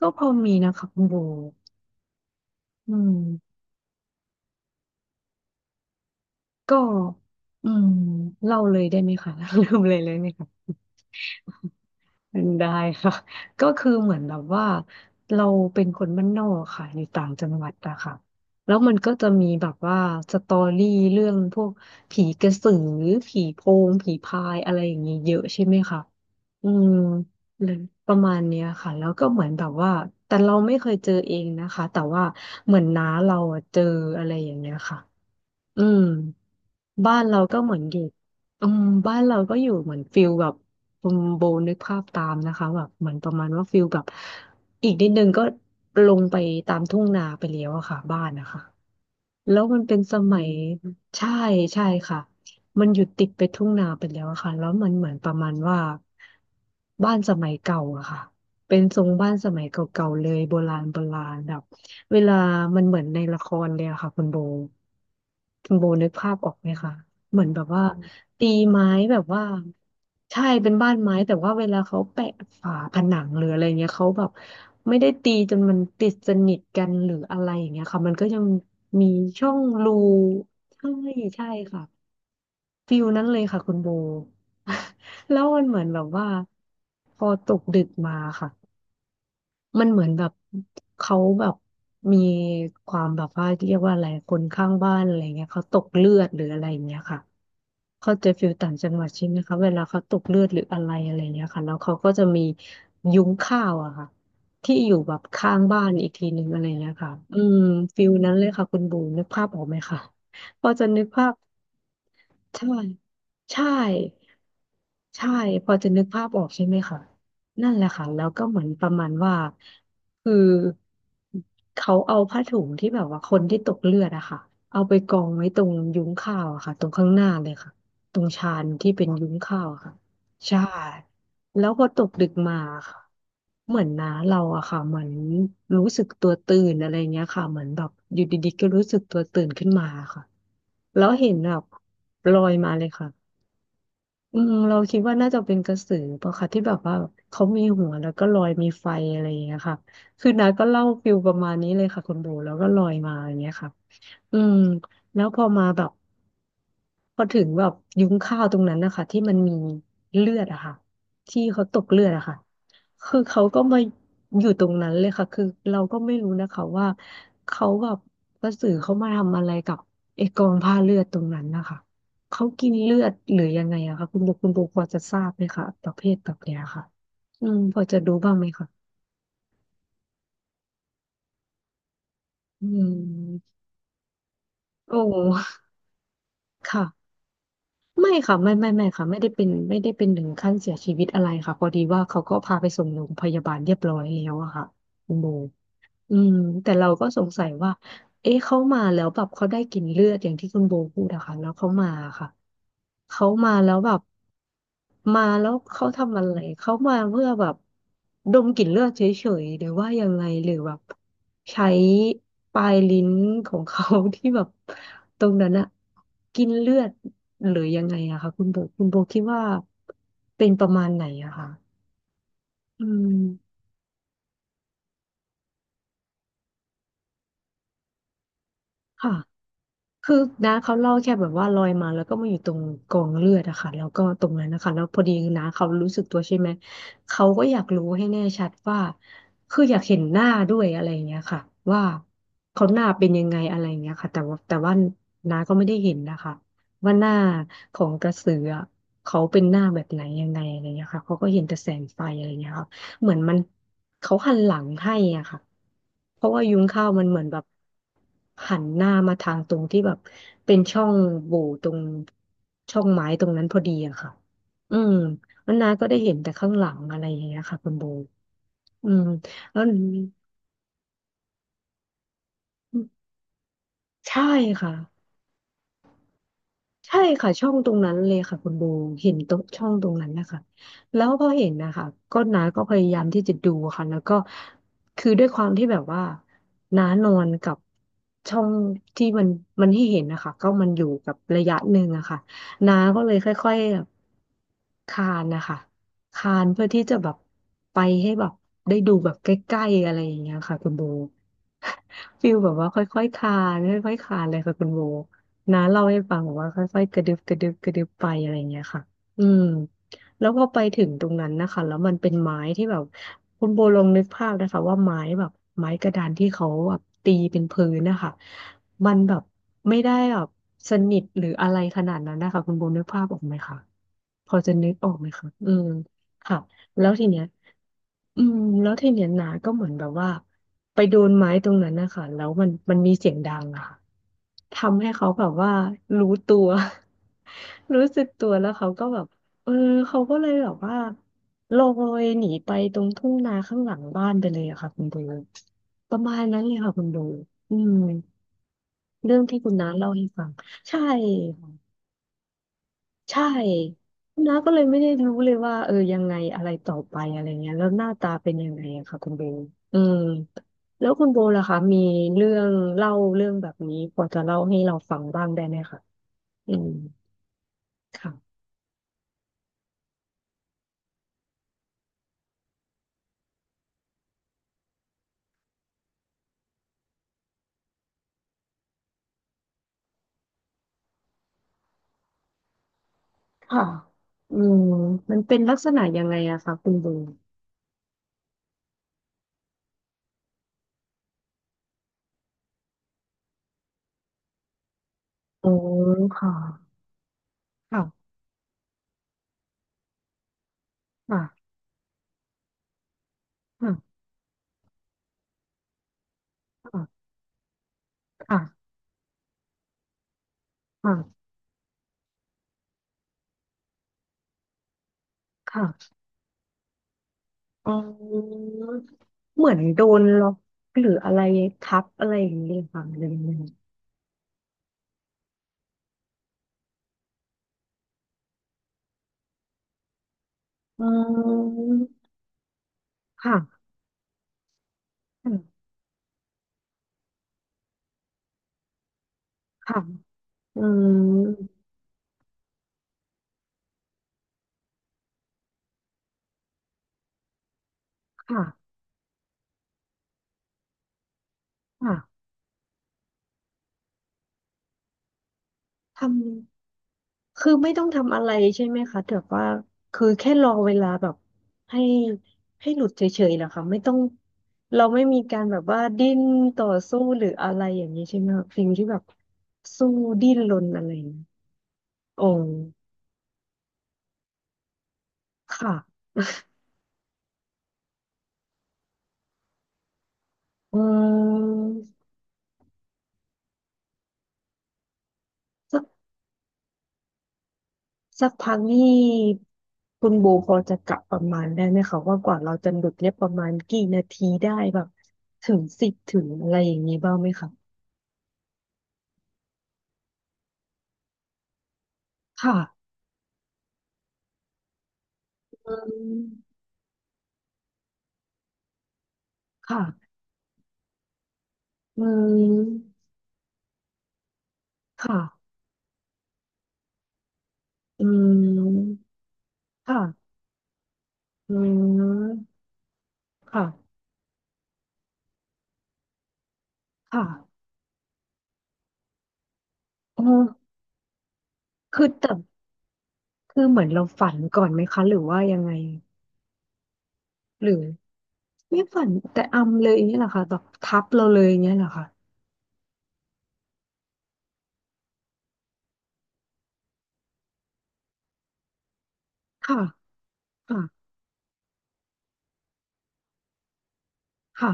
ก็พอมีนะคะคุณโบอืมก็อืมเล่าเลยได้ไหมคะ ลืมเลยเลยไหมคะได้ค่ะก็คือเหมือนแบบว่าเราเป็นคนบ้านนอกค่ะอยู่ต่างจังหวัดอะค่ะแล้วมันก็จะมีแบบว่าสตอรี่เรื่องพวกผีกระสือผีโพงผีพายอะไรอย่างนี้เยอะใช่ไหมคะอืมเลยประมาณเนี้ยค่ะแล้วก็เหมือนแบบว่าแต่เราไม่เคยเจอเองนะคะแต่ว่าเหมือนน้าเราอะเจออะไรอย่างเงี้ยค่ะ อืมบ้านเราก็เหมือนอยู่อืมบ้านเราก็อยู่เหมือนฟิลแบบคุณโบนึกภาพตามนะคะแบบเหมือนประมาณว่าฟิลแบบอีกนิดนึงก็ลงไปตามทุ่งนาไปแล้วอะค่ะบ้านนะคะ แล้วมันเป็นสมัยใช่ใช่ค่ะมันอยู่ติดไปทุ่งนาไปแล้วอะค่ะแล้วมันเหมือนประมาณว่าบ้านสมัยเก่าอะค่ะเป็นทรงบ้านสมัยเก่าๆเลยโบราณโบราณแบบเวลามันเหมือนในละครเลยอะค่ะคุณโบคุณโบนึกภาพออกไหมคะ เหมือนแบบว่าตีไม้แบบว่าใช่เป็นบ้านไม้แต่ว่าเวลาเขาแปะฝาผนังหรืออะไรเงี้ยเขาแบบไม่ได้ตีจนมันติดสนิทกันหรืออะไรอย่างเงี้ยค่ะมันก็ยังมีช่องรูใช่ใช่ค่ะฟิลนั้นเลยค่ะคุณโบ แล้วมันเหมือนแบบว่าพอตกดึกมาค่ะมันเหมือนแบบเขาแบบมีความแบบว่าเรียกว่าอะไรคนข้างบ้านอะไรเงี้ยเขาตกเลือดหรืออะไรอย่างเงี้ยค่ะ เข้าใจฟิลต่างจังหวัดใช่ไหมคะเวลาเขาตกเลือดหรืออะไรอะไรเนี้ยค่ะแล้วเขาก็จะมียุ้งข้าวอะค่ะที่อยู่แบบข้างบ้านอีกทีหนึ่งอะไรเนี้ยค่ะอืมฟิลนั้นเลยค่ะคุณบูมนึกภาพออกไหมคะพอจะนึกภาพ ใช่ใช่ใช่พอจะนึกภาพออกใช่ไหมคะนั่นแหละค่ะแล้วก็เหมือนประมาณว่าคือเขาเอาผ้าถุงที่แบบว่าคนที่ตกเลือดอะค่ะเอาไปกองไว้ตรงยุ้งข้าวอะค่ะตรงข้างหน้าเลยค่ะตรงชานที่เป็นยุ้งข้าวอะค่ะใช่แล้วพอตกดึกมาค่ะเหมือนนะเราอะค่ะเหมือนรู้สึกตัวตื่นอะไรเงี้ยค่ะเหมือนแบบอยู่ดีๆก็รู้สึกตัวตื่นขึ้นมาค่ะ แล้วเห็นแบบลอยมาเลยค่ะอืมเราคิดว่าน่าจะเป็นกระสือปะคะที่แบบว่าเขามีหัวแล้วก็ลอยมีไฟอะไรอย่างเงี้ยค่ะ คือน้าก็เล่าฟิลประมาณนี้เลยค่ะคุณโบแล้วก็ลอยมาอย่างเงี้ยค่ะอืมแล้วพอมาแบบ พอถึงแบบยุ้งข้าวตรงนั้นนะคะที่มันมีเลือดอะค่ะที่เขาตกเลือดอะค่ะคือเขาก็มาอยู่ตรงนั้นเลยค่ะคือเราก็ไม่รู้นะคะว่าเขาแบบกระสือเขามาทำอะไรกับไอ้กองผ้าเลือดตรงนั้นนะคะเขากินเลือดหรือยังไงอะคะคุณโบคุณโบพอจะทราบไหมคะประเภทแบบเนี้ยค่ะอืมพอจะรู้บ้างไหมคะอืมโอ้ ค่ะ ไม่ค่ะไม่ค่ะไม่ได้เป็นไม่ได้เป็นถึงขั้นเสียชีวิตอะไรค่ะพอดีว่าเขาก็พาไปส่งโรงพยาบาลเรียบร้อยแล้วอะค่ะคุณโบ อืมแต่เราก็สงสัยว่าเอ๊ะเขามาแล้วแบบเขาได้กลิ่นเลือดอย่างที่คุณโบพูดอะค่ะแล้วเขามาค่ะเขามาแล้วแบบมาแล้วเขาทำอะไรเขามาเพื่อแบบดมกลิ่นเลือดเฉยๆหรือว่ายังไงหรือแบบใช้ปลายลิ้นของเขา ที่แบบตรงนั้นอะกินเลือดหรือยังไงอะค่ะคุณโบคุณโบคิดว่าเป็นประมาณไหนอะค่ะอืมค่ะ คือน้าเขาเล่าแค่แบบว่าลอยมาแล้วก็มาอยู่ตรงกองเลือดอะค่ะแล้วก็ตรงนั้นนะคะแล้วพอดีน้าเขารู้สึกตัวใช่ไหมเขาก็อยากรู้ให้แน่ชัดว่าคืออยากเห็นหน้าด้วยอะไรอย่างเงี้ยค่ะว่าเขาหน้าเป็นยังไงอะไรอย่างเงี้ยค่ะแต่ว่าน้าก็ไม่ได้เห็นนะคะว่าหน้าของกระสืออะเขาเป็นหน้าแบบไหนยังไงอะไรอย่างเงี้ยค่ะเขาก็เห็นแต่แสงไฟอะไรอย่างเงี้ยค่ะ เหมือนมันเขาหันหลังให้อ่ะค่ะเพราะว่ายุ้งข้าวมันเหมือนแบบหันหน้ามาทางตรงที่แบบเป็นช่องโหว่ตรงช่องไม้ตรงนั้นพอดีอะค่ะอืมแล้วน้าก็ได้เห็นแต่ข้างหลังอะไรอย่างเงี้ยค่ะคุณโบอืมแล้วใช่ค่ะ ใช่ค่ะช่องตรงนั้นเลยค่ะคุณโบเห็นตรงช่องตรงนั้นนะคะแล้วพอเห็นนะคะน้าก็พยายามที่จะดูค่ะแล้วก็คือด้วยความที่แบบว่าน้านอนกับช่องที่มันให้เห็นนะคะก็มันอยู่กับระยะหนึ่งอะค่ะน้าก็เลยค่อยๆแบบคานนะคะคานเพื่อที่จะแบบไปให้แบบได้ดูแบบใกล้ๆอะไรอย่างเงี้ยค่ะคุณโบ ฟิลแบบว่าค่อยๆคานค่อยๆคานเลยค่ะคุณโบ น้าเล่าให้ฟังบอกว่าค่อยๆกระดึบกระดึบกระดึบไปอะไรเงี้ยค่ะอืมแล้วพอไปถึงตรงนั้นนะคะแล้วมันเป็นไม้ที่แบบคุณโบลองนึกภาพนะคะว่าไม้แบบไม้กระดานที่เขาแบบตีเป็นพื้นนะคะมันแบบไม่ได้แบบสนิทหรืออะไรขนาดนั้นนะคะคุณโบนึกภาพออกไหมคะพอจะนึกออกไหมคะอืมค่ะ แล้วทีเนี้ยอืมแล้วทีเนี้ยนาก็เหมือนแบบว่าไปโดนไม้ตรงนั้นนะคะแล้วมันมีเสียงดังอะค่ะทำให้เขาแบบว่ารู้ตัว รู้สึกตัวแล้วเขาก็แบบเออเขาก็เลยแบบว่าลอยหนีไปตรงทุ่งนาข้างหลังบ้านไปเลยอะค่ะคุณโบประมาณนั้นเลยค่ะคุณโบอืมเรื่องที่คุณน้าเล่าให้ฟังใช่ ใช่น้าก็เลยไม่ได้รู้เลยว่าเออยังไงอะไรต่อไปอะไรเงี้ยแล้วหน้าตาเป็นยังไงอะค่ะคุณโบลอืมแล้วคุณโบล่ะคะมีเรื่องเล่าเรื่องแบบนี้พอจะเล่าให้เราฟังบ้างได้ไหมคะอืมค่ะค่ะอืมมันเป็นลักษณะยังไงอะคะคุณโบอ๋อค่ะค่ะค่ะค่ะค่ะค่ะค่ะค่ะอ๋อเหมือนโดนล็อกหรืออะไรทับอะไรอย่างนี้เลยค่ะหรือยังไง อืมค่ะค่ะค่ะอืมค่ะค่ะทำคือไม่ต้องทำอะไรใช่ไหมคะแต่ว่าคือแค่รอเวลาแบบให้ให้หลุดเฉยๆเหรอคะไม่ต้องเราไม่มีการแบบว่าดิ้นต่อสู้หรืออะไรอย่างนี้ใช่ไหมคะสิ่งที่แบบสู้ดิ้นรนอะไรอย่างนี้โอ้ค่ะอืม สักพักนี่คุณโบพอจะกะประมาณได้ไหมคะว่ากว่าเราจะหลุดเนี่ยประมาณกี่นาทีได้แบบถึงสิบถึงอะไรอย่างนี้บ้างไหมคะค่ะอืมค่ะอืมค่ะอืมค่ะอืมค่ะค่ะเออคือแต่คือเหมือนเราฝันก่อนไหมคะหรือว่ายังไงหรือไม่ฝันแต่อำเลยอย่างนี้ยเหรอคะแบบทับเราเลยอย่างนี้ยเหรอคะค่ะค่ะค่ะ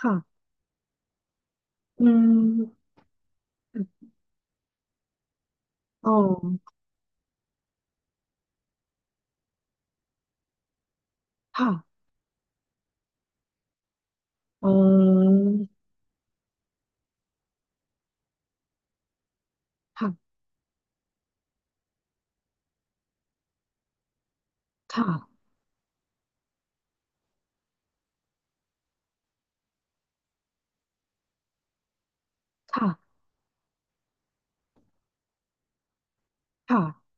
ค่ะอืม อ๋อค่ะอ๋อค่ะค่ะค่ะค่ะ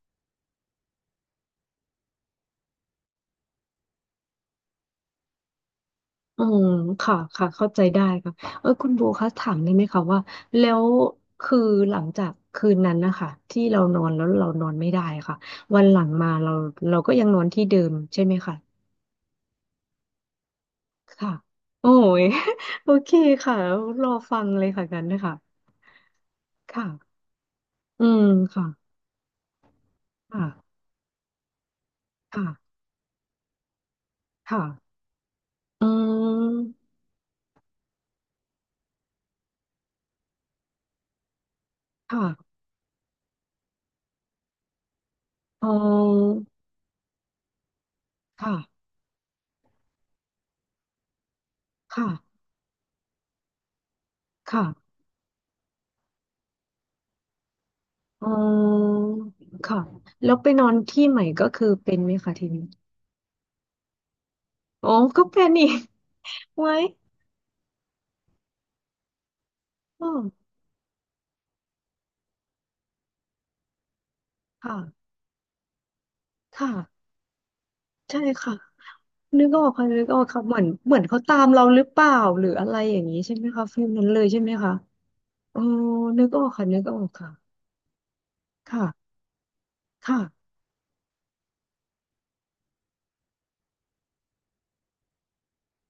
อืมค่ะค่ะเข้าใจได้ค่ะเออคุณโบคะถามได้ไหมคะว่าแล้วคือหลังจากคืนนั้นนะคะที่เรานอนแล้วเรานอนไม่ได้ค่ะวันหลังมาเราก็ยังนอนที่เดิมใช่ไหมคะค่ะโอ้ย โอเคค่ะรอฟังเลยค่ะกันนะคะค่ะอืมค่ะค่ะค่ะค่ะอืมค่ะอ๋อค่ะค่ะ ค่ะอ๋อค่ะแล้วไปนอนที่ใหม่ก็คือเป็นไหมคะทีนี้อ๋อก็เป็นอีก ไว้อ๋อค่ะค่ะใช่ค่ะนึกออกค่ะนึกออกค่ะเหมือนเหมือนเขาตามเราหรือเปล่าหรืออะไรอย่างนี้ใช่ไหมคะฟิลนั้นเลยใช่ไหมคะอ๋อนึกออกค่ะนึกออกค่ะค่ะค่ะ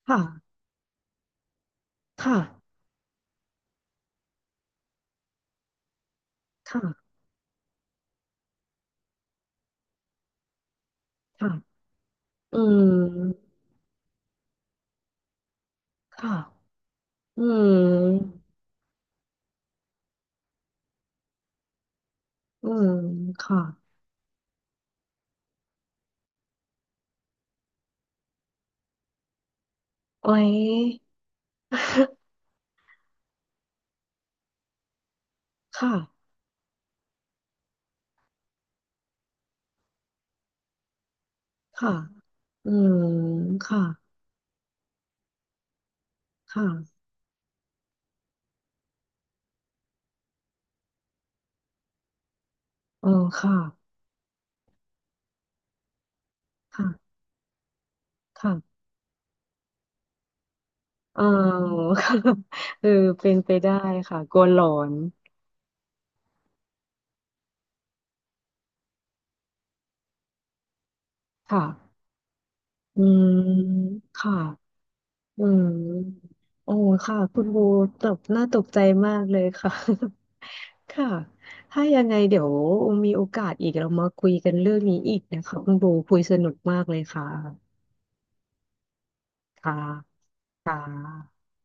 ค่ะค่ะค่ะค่ะอืมค่ะอืมอืมค่ะไว้ ค่ะ ค่ะอืมค่ะค่ะเออค่ะค่ะค่ะเออ ค่ะเออเป็นไปได้ค่ะกลัวหลอนค่ะอืมค่ะอืมโอ้ค่ะคุณบูตกน่าตกใจมากเลยค่ะ ค่ะถ้ายังไงเดี๋ยวมีโอกาสอีกเรามาคุยกันเรื่องนี้อีกนะคะคุณบูคุยสนุกมากเลยค่ะค่ะค่ะ